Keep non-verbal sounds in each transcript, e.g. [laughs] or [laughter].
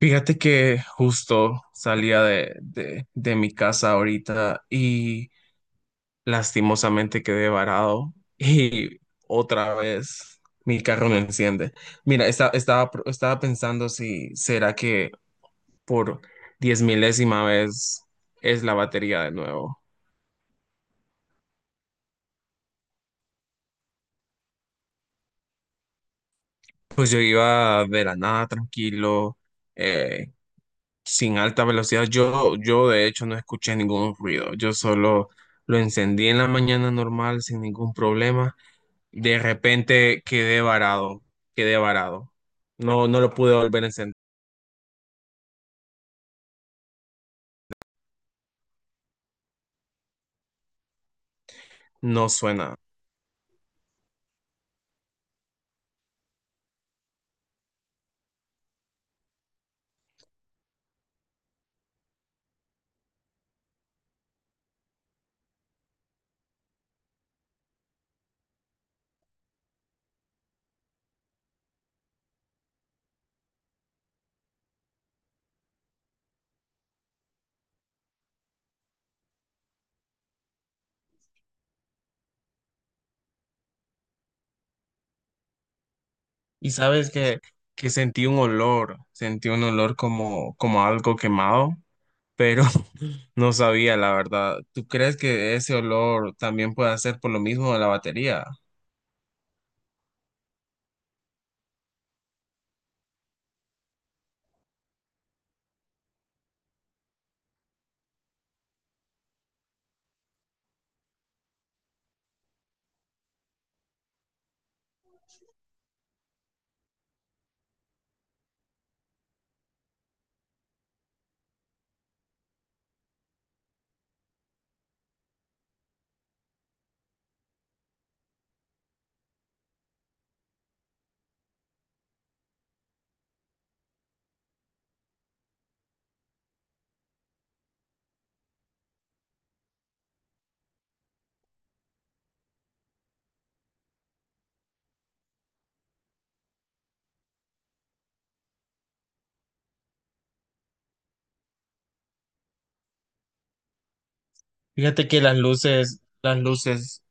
Fíjate que justo salía de mi casa ahorita y lastimosamente quedé varado [laughs] y otra vez mi carro no enciende. Mira, estaba pensando si será que por 10 milésima vez es la batería de nuevo. Pues yo iba de la nada tranquilo, eh, sin alta velocidad. Yo de hecho no escuché ningún ruido. Yo solo lo encendí en la mañana normal sin ningún problema. De repente quedé varado, quedé varado. No, no lo pude volver a encender. No suena. Y sabes que sentí un olor como, como algo quemado, pero [laughs] no sabía la verdad. ¿Tú crees que ese olor también puede ser por lo mismo de la batería? Fíjate que las luces, las luces.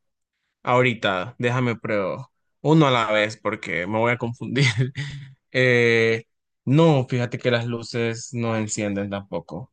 Ahorita, déjame pruebo uno a la vez porque me voy a confundir. [laughs] Eh, no, fíjate que las luces no encienden tampoco.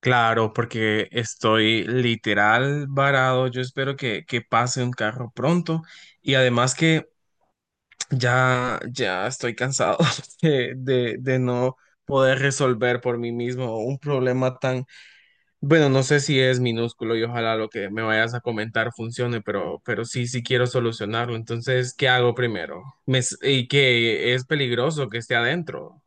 Claro, porque estoy literal varado. Yo espero que pase un carro pronto y además que ya, ya estoy cansado [laughs] de no poder resolver por mí mismo un problema tan... Bueno, no sé si es minúsculo y ojalá lo que me vayas a comentar funcione, pero sí, sí quiero solucionarlo. Entonces, ¿qué hago primero? Y que es peligroso que esté adentro.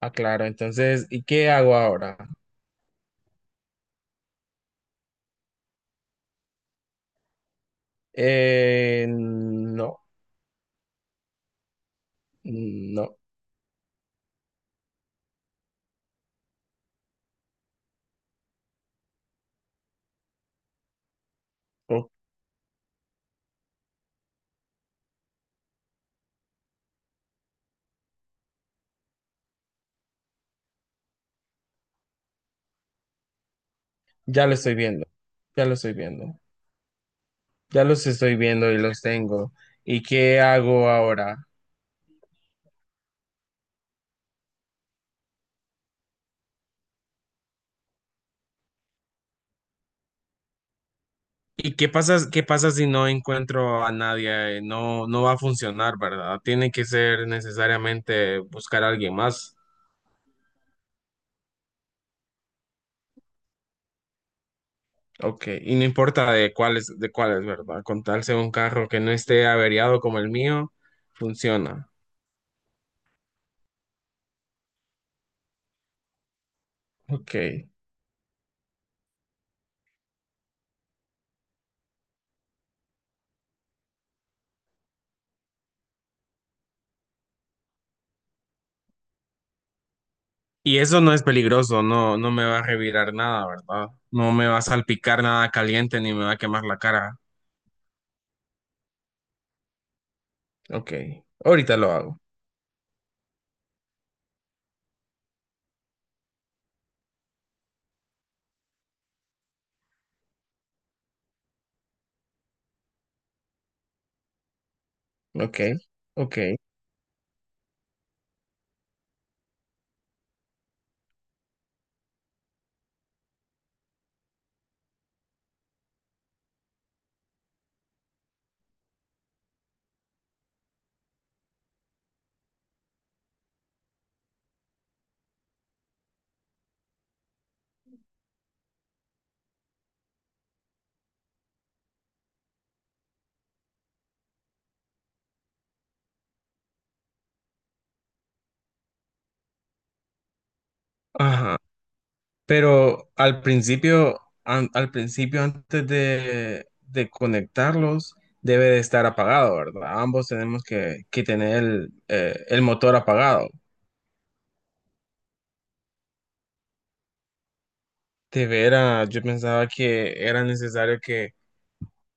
Ah, claro. Entonces, ¿y qué hago ahora? No, no, oh, ya lo estoy viendo, ya lo estoy viendo, ya los estoy viendo y los tengo. ¿Y qué hago ahora? ¿Y qué pasa si no encuentro a nadie? No, no va a funcionar, ¿verdad? Tiene que ser necesariamente buscar a alguien más. Ok, y no importa de cuáles, ¿verdad? Con tal sea un carro que no esté averiado como el mío, funciona. Ok. Y eso no es peligroso, no, no me va a revirar nada, ¿verdad? No me va a salpicar nada caliente ni me va a quemar la cara. Ok, ahorita lo hago. Ok, ok. Ajá. Pero al principio, al principio antes de conectarlos, debe de estar apagado, ¿verdad? Ambos tenemos que tener el motor apagado. De veras, yo pensaba que era necesario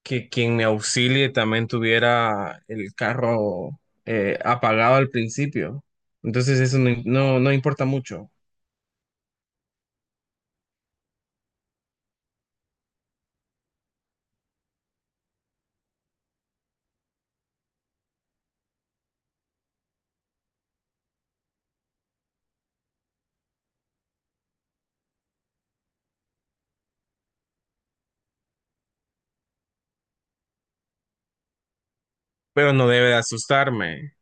que quien me auxilie también tuviera el carro apagado al principio. Entonces eso no, no, no importa mucho, pero no debe de asustarme.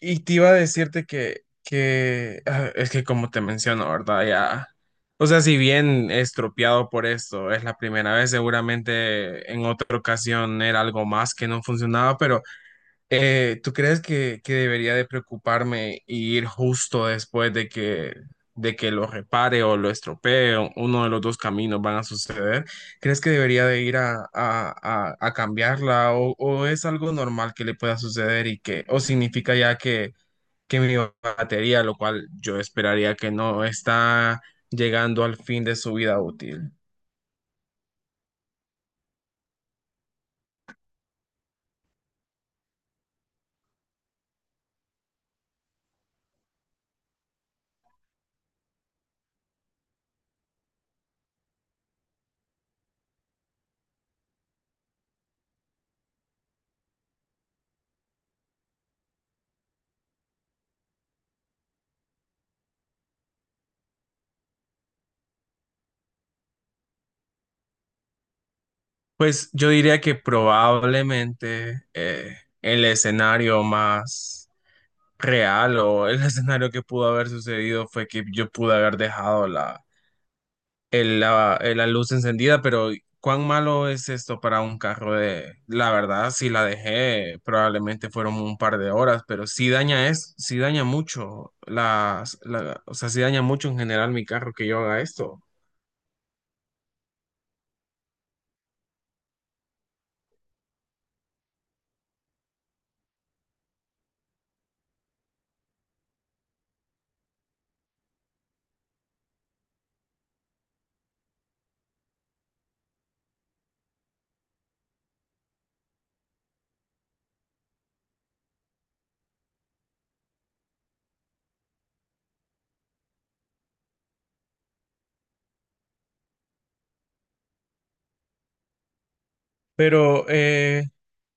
Y te iba a decirte que ah, es que como te menciono, ¿verdad? Ya, o sea, si bien estropeado por esto, es la primera vez, seguramente en otra ocasión era algo más que no funcionaba, pero ¿tú crees que debería de preocuparme y ir justo después de que lo repare o lo estropee, o uno de los dos caminos van a suceder? ¿Crees que debería de ir a cambiarla o es algo normal que le pueda suceder y que, o significa ya que mi batería, lo cual yo esperaría que no está llegando al fin de su vida útil. Pues yo diría que probablemente el escenario más real o el [laughs] escenario que pudo haber sucedido fue que yo pude haber dejado la la luz encendida, pero ¿cuán malo es esto para un carro de... La verdad, si la dejé, probablemente fueron un par de horas, pero sí daña es, sí daña mucho, o sea, sí daña mucho en general mi carro que yo haga esto. Pero,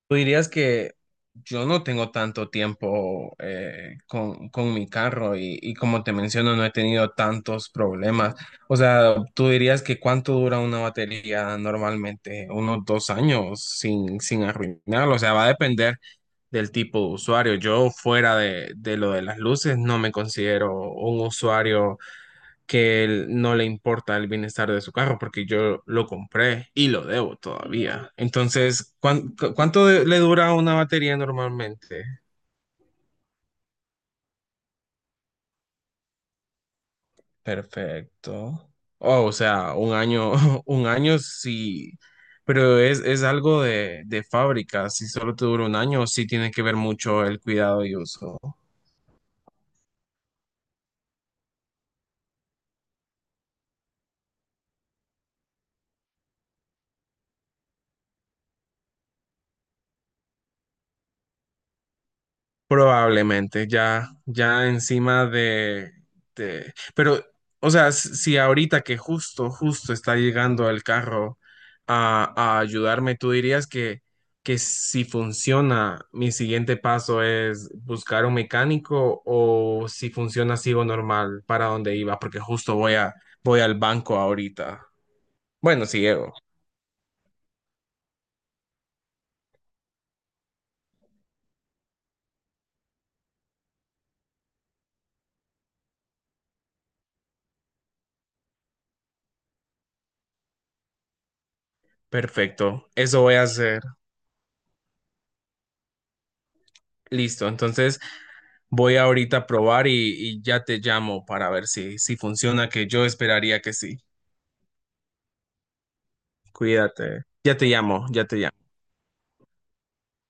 tú dirías que yo no tengo tanto tiempo con mi carro y como te menciono, no he tenido tantos problemas. O sea, tú dirías que cuánto dura una batería normalmente, unos 2 años sin, sin arruinarlo. O sea, va a depender del tipo de usuario. Yo fuera de lo de las luces no me considero un usuario que él no le importa el bienestar de su carro porque yo lo compré y lo debo todavía. Entonces, ¿cuánto le dura una batería normalmente? Perfecto. Oh, o sea, un año, [laughs] un año sí, pero es algo de fábrica. Si solo te dura un año, sí tiene que ver mucho el cuidado y uso. Probablemente, ya, ya encima de, pero, o sea, si ahorita que justo, justo está llegando el carro a ayudarme, tú dirías que si funciona, mi siguiente paso es buscar un mecánico o si funciona, sigo normal para donde iba, porque justo voy a, voy al banco ahorita. Bueno, sí, Evo. Perfecto. Eso voy a hacer. Listo. Entonces voy ahorita a probar y ya te llamo para ver si, si funciona, que yo esperaría que sí. Cuídate. Ya te llamo, ya te llamo.